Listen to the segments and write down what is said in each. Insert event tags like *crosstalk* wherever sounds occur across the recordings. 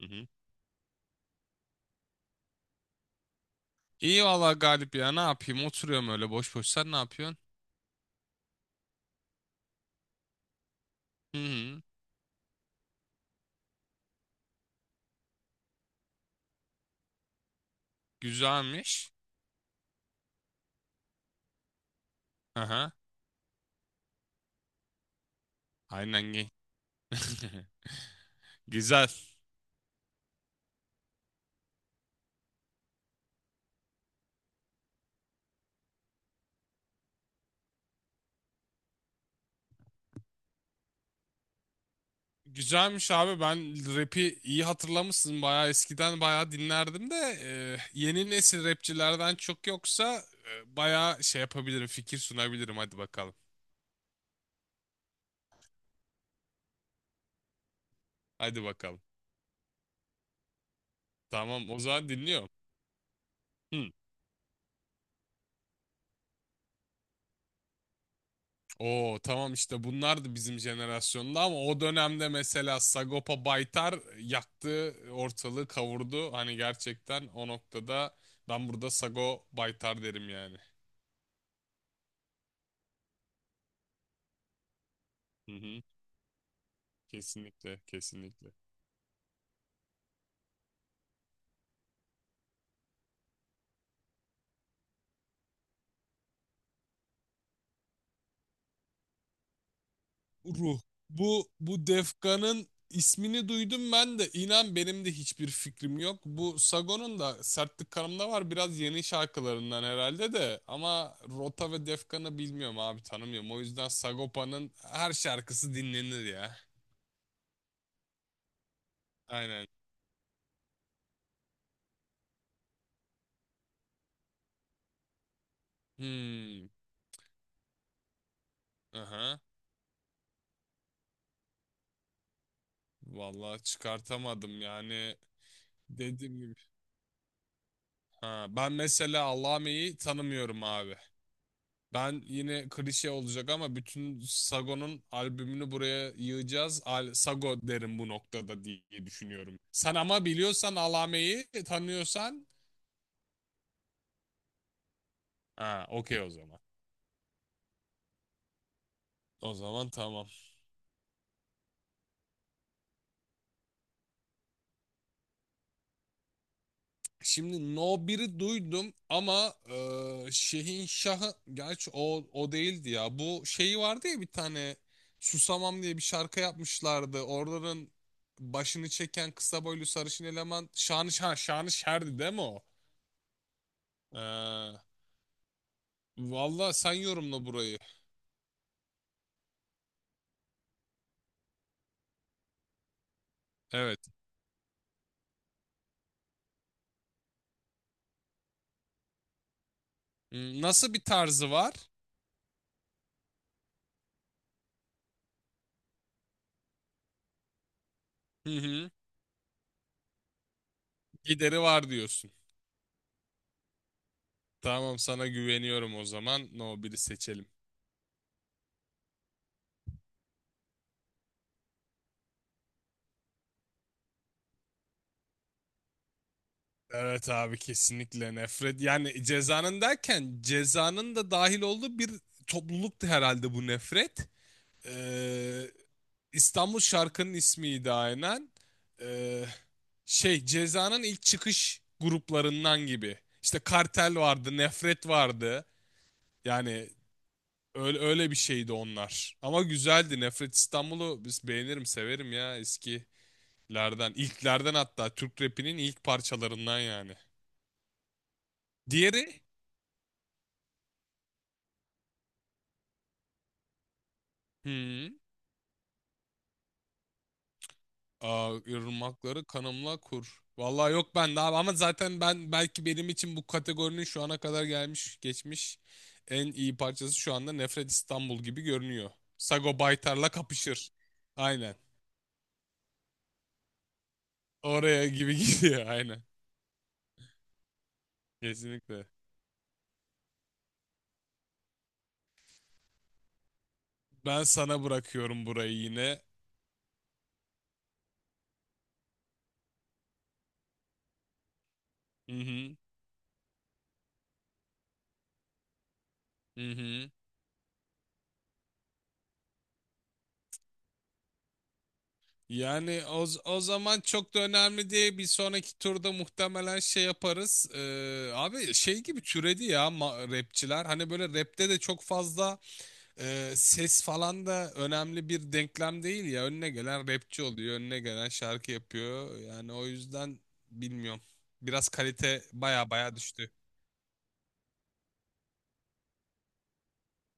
Hı hı. İyi valla Galip ya, ne yapayım, oturuyorum öyle boş boş, sen ne yapıyorsun? Hı hı. Güzelmiş. Aha. Aynen gay. *laughs* Güzel. Güzelmiş abi. Ben rap'i iyi hatırlamışsın, bayağı eskiden bayağı dinlerdim de e, yeni nesil rapçilerden çok yoksa bayağı şey yapabilirim, fikir sunabilirim, hadi bakalım. Hadi bakalım. Tamam, o zaman dinliyorum. Hı. Oo tamam, işte bunlardı bizim jenerasyonda. Ama o dönemde mesela Sagopa Baytar yaktı ortalığı, kavurdu. Hani gerçekten o noktada ben burada Sago Baytar derim yani. Hı hı. Kesinlikle, kesinlikle. Ruh. Bu Defkan'ın ismini duydum ben de. İnan benim de hiçbir fikrim yok. Bu Sagon'un da Sertlik Kanım'da var. Biraz yeni şarkılarından herhalde de. Ama Rota ve Defkan'ı bilmiyorum abi, tanımıyorum. O yüzden Sagopa'nın her şarkısı dinlenir ya. Aynen. Hmm. Aha. Vallahi çıkartamadım yani. Dediğim gibi. Ha, ben mesela Allame'yi tanımıyorum abi. Ben yine klişe olacak ama bütün Sago'nun albümünü buraya yığacağız. Al Sago derim bu noktada diye düşünüyorum. Sen ama biliyorsan, alameyi tanıyorsan, ha, okey o zaman. O zaman tamam. Şimdi No 1'i duydum ama Şehin Şah'ı, gerçi o değildi ya. Bu şeyi vardı ya, bir tane Susamam diye bir şarkı yapmışlardı. Oraların başını çeken kısa boylu sarışın eleman Şanışer, Şanışer'di değil mi o? Ee, Valla sen yorumla burayı. Evet. Hmm, nasıl bir tarzı var? Hı hı. Gideri var diyorsun. Tamam, sana güveniyorum o zaman. No biri seçelim. Evet abi, kesinlikle nefret. Yani cezanın, derken cezanın da dahil olduğu bir topluluktu herhalde bu nefret. Ee, İstanbul şarkının ismiydi aynen. Ee, şey, cezanın ilk çıkış gruplarından gibi. İşte kartel vardı, nefret vardı. Yani öyle bir şeydi onlar. Ama güzeldi. Nefret İstanbul'u biz beğenirim, severim ya eskilerden. İlklerden, hatta Türk rapinin ilk parçalarından yani. Diğeri? Hmm. Aa, Irmakları Kanımla Kur. Vallahi yok, ben daha ama zaten, ben belki, benim için bu kategorinin şu ana kadar gelmiş geçmiş en iyi parçası şu anda Nefret İstanbul gibi görünüyor. Sago Baytar'la kapışır. Aynen. Oraya gibi *laughs* gidiyor aynen. Kesinlikle. Ben sana bırakıyorum burayı yine. Hı hı. Hı hı. Yani o zaman çok da önemli değil. Bir sonraki turda muhtemelen şey yaparız. Abi şey gibi türedi ya rapçiler. Hani böyle rapte de çok fazla ses falan da önemli bir denklem değil ya. Önüne gelen rapçi oluyor, önüne gelen şarkı yapıyor. Yani o yüzden bilmiyorum. Biraz kalite baya baya düştü.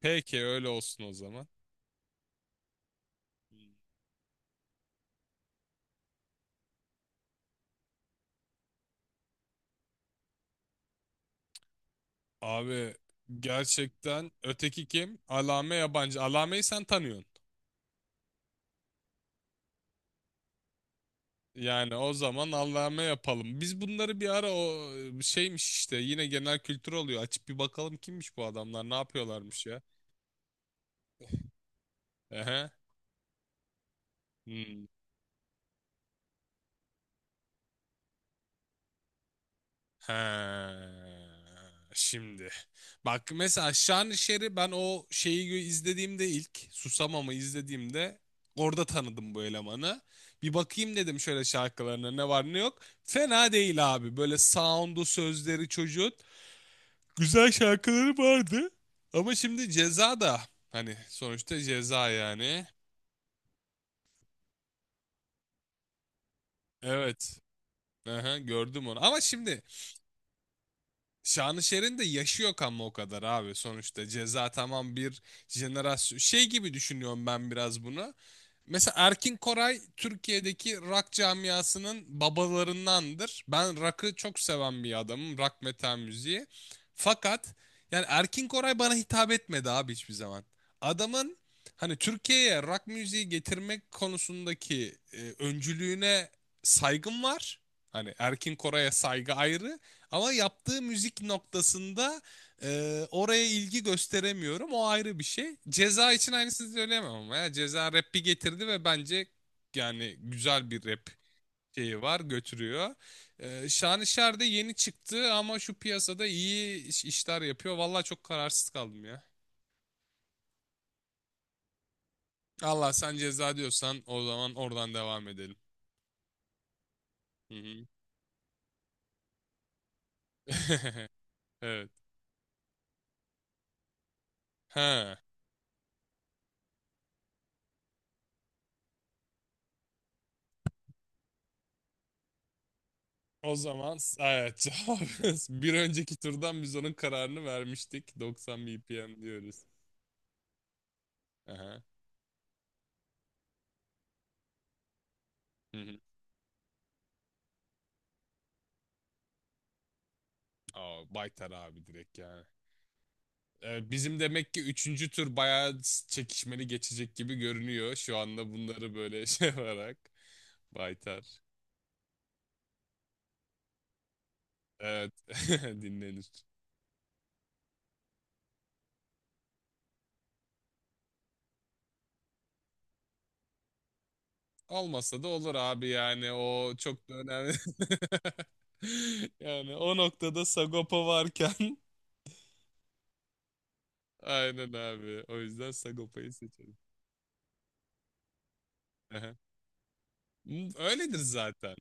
Peki öyle olsun o zaman. Abi gerçekten öteki kim? Alame Yabancı. Alame'yi sen tanıyorsun. Yani o zaman Allah'ıma yapalım. Biz bunları bir ara, o şeymiş işte, yine genel kültür oluyor. Açıp bir bakalım kimmiş bu adamlar, ne yapıyorlarmış ya. Ehe. Hmm. Ha. Şimdi. Bak mesela Şanışer'i ben o izlediğimde, ilk Susamam'ı izlediğimde orada tanıdım bu elemanı. Bir bakayım dedim, şöyle şarkılarına ne var ne yok. Fena değil abi. Böyle sound'u, sözleri çocuğun güzel şarkıları vardı. Ama şimdi Ceza da, hani sonuçta Ceza yani. Evet. Aha, gördüm onu. Ama şimdi Şanışer'in de yaşı yok ama o kadar abi sonuçta. Ceza tamam, bir jenerasyon. Şey gibi düşünüyorum ben biraz bunu. Mesela Erkin Koray Türkiye'deki rock camiasının babalarındandır. Ben rock'ı çok seven bir adamım. Rock, metal müziği. Fakat yani Erkin Koray bana hitap etmedi abi hiçbir zaman. Adamın, hani Türkiye'ye rock müziği getirmek konusundaki öncülüğüne saygım var. Hani Erkin Koray'a saygı ayrı, ama yaptığı müzik noktasında oraya ilgi gösteremiyorum. O ayrı bir şey. Ceza için aynısını söyleyemem ama ya. Ceza rap'i getirdi ve bence yani güzel bir rap şeyi var, götürüyor. Şanışer de yeni çıktı ama şu piyasada iyi işler yapıyor. Vallahi çok kararsız kaldım ya. Allah, sen ceza diyorsan o zaman oradan devam edelim. Hı hı. *laughs* Evet. Ha. O zaman evet, cevap *laughs* bir önceki turdan biz onun kararını vermiştik. 90 BPM diyoruz. Aha. Hı hı. Aa, Baytar abi, direkt yani. Bizim demek ki üçüncü tur bayağı çekişmeli geçecek gibi görünüyor. Şu anda bunları böyle *laughs* şey yaparak. Baytar. Evet. *laughs* Dinlenir. Olmasa da olur abi yani. O çok da önemli. *laughs* Yani o noktada Sagopa varken. *laughs* Aynen abi. O yüzden Sagopa'yı seçelim. Aha. Öyledir zaten.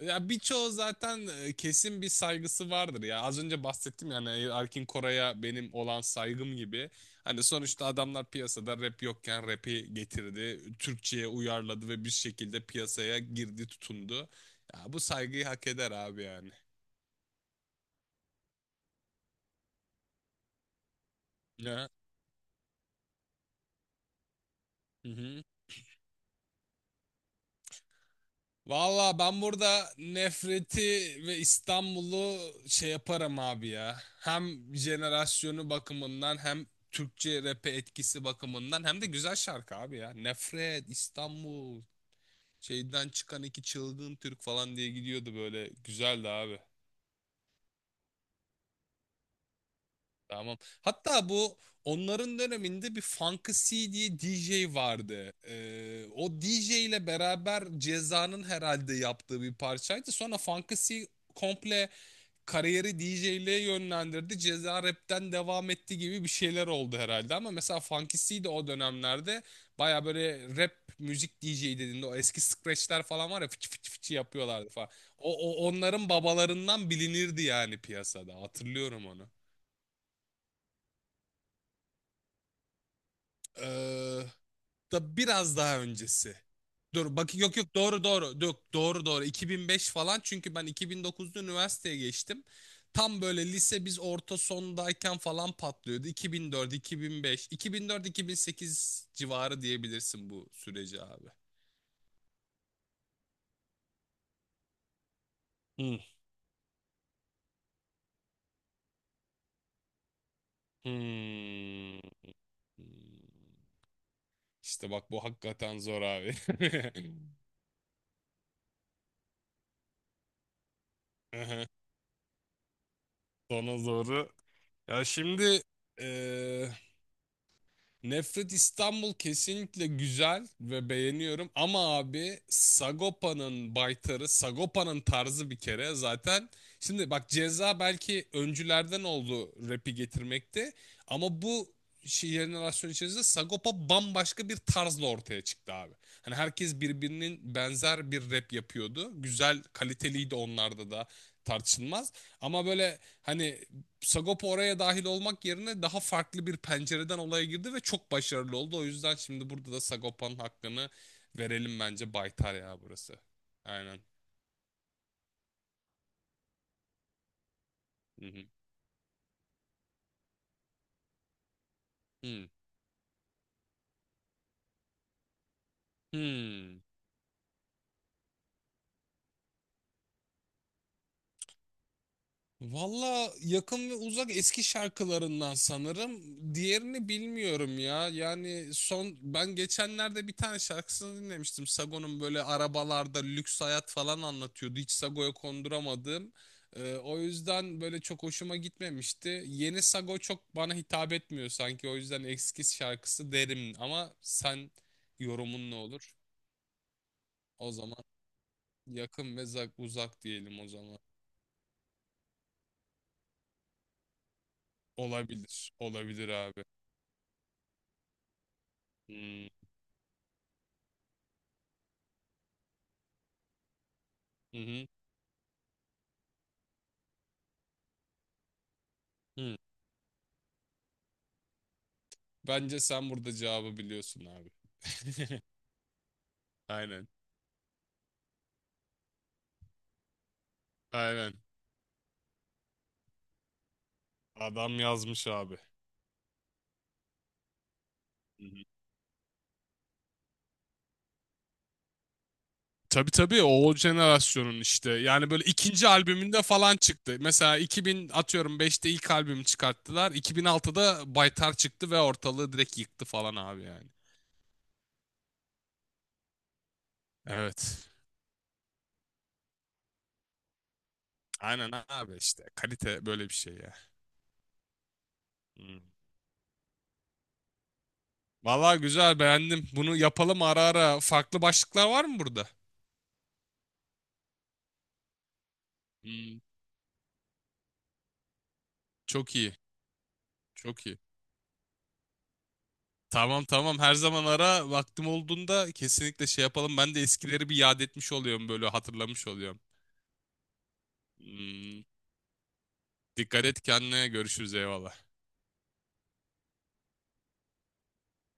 Ya birçoğu zaten kesin bir saygısı vardır ya. Az önce bahsettim yani, Erkin Koray'a benim olan saygım gibi. Hani sonuçta adamlar piyasada rap yokken rap'i getirdi. Türkçe'ye uyarladı ve bir şekilde piyasaya girdi, tutundu. Ya bu saygıyı hak eder abi yani. Ya. Hı hı. Valla ben burada nefreti ve İstanbul'u şey yaparım abi ya. Hem jenerasyonu bakımından, hem Türkçe rap'e etkisi bakımından, hem de güzel şarkı abi ya. Nefret, İstanbul, şeyden çıkan iki çılgın Türk falan diye gidiyordu böyle. Güzeldi abi. Tamam. Hatta bu onların döneminde bir Funky C diye DJ vardı. O DJ ile beraber Ceza'nın herhalde yaptığı bir parçaydı. Sonra Funky C komple kariyeri DJ'liğe yönlendirdi. Ceza rapten devam etti gibi bir şeyler oldu herhalde. Ama mesela Funky C de o dönemlerde baya böyle rap müzik, DJ dediğinde o eski scratchler falan var ya, fıçı fıçı fıçı yapıyorlardı falan. Onların babalarından bilinirdi yani piyasada. Hatırlıyorum onu. Ee, da biraz daha öncesi. Dur bak, yok yok, doğru doğru. Yok, doğru doğru. 2005 falan, çünkü ben 2009'da üniversiteye geçtim. Tam böyle lise, biz orta sondayken falan patlıyordu. 2004, 2005, 2004, 2008 civarı diyebilirsin bu süreci abi. Hmm. Hmm. İşte bak, bu hakikaten zor abi. *laughs* Aha, sana zoru. Ya şimdi eee, Nefret İstanbul kesinlikle güzel ve beğeniyorum ama abi, Sagopa'nın baytarı, Sagopa'nın tarzı bir kere zaten. Şimdi bak, Ceza belki öncülerden oldu rap'i getirmekte ama bu şey jenerasyon içerisinde Sagopa bambaşka bir tarzla ortaya çıktı abi. Hani herkes birbirinin benzer bir rap yapıyordu. Güzel, kaliteliydi, onlarda da tartışılmaz. Ama böyle hani Sagopa oraya dahil olmak yerine daha farklı bir pencereden olaya girdi ve çok başarılı oldu. O yüzden şimdi burada da Sagopa'nın hakkını verelim, bence Baytar ya burası. Aynen. Hı hı. Hı. Hı. Valla yakın ve uzak eski şarkılarından sanırım. Diğerini bilmiyorum ya. Yani son, ben geçenlerde bir tane şarkısını dinlemiştim. Sago'nun, böyle arabalarda lüks hayat falan anlatıyordu. Hiç Sago'ya konduramadım. O yüzden böyle çok hoşuma gitmemişti. Yeni Sago çok bana hitap etmiyor sanki. O yüzden eski şarkısı derim. Ama sen, yorumun ne olur? O zaman yakın ve uzak diyelim o zaman. Olabilir. Olabilir abi. Hmm. Hı hı. Hı. Bence sen burada cevabı biliyorsun abi. *laughs* Aynen. Aynen. Adam yazmış abi. Hı hı. Tabii tabii, o jenerasyonun işte. Yani böyle ikinci albümünde falan çıktı. Mesela 2000 atıyorum, beşte ilk albümü çıkarttılar. 2006'da Baytar çıktı ve ortalığı direkt yıktı falan abi yani. Evet. Aynen abi işte. Kalite böyle bir şey ya. Hı. Vallahi güzel, beğendim. Bunu yapalım ara ara. Farklı başlıklar var mı burada? Hı. Çok iyi. Çok iyi. Tamam tamam, her zaman ara vaktim olduğunda kesinlikle şey yapalım. Ben de eskileri bir yad etmiş oluyorum, böyle hatırlamış oluyorum. Hmm, dikkat et kendine, görüşürüz, eyvallah.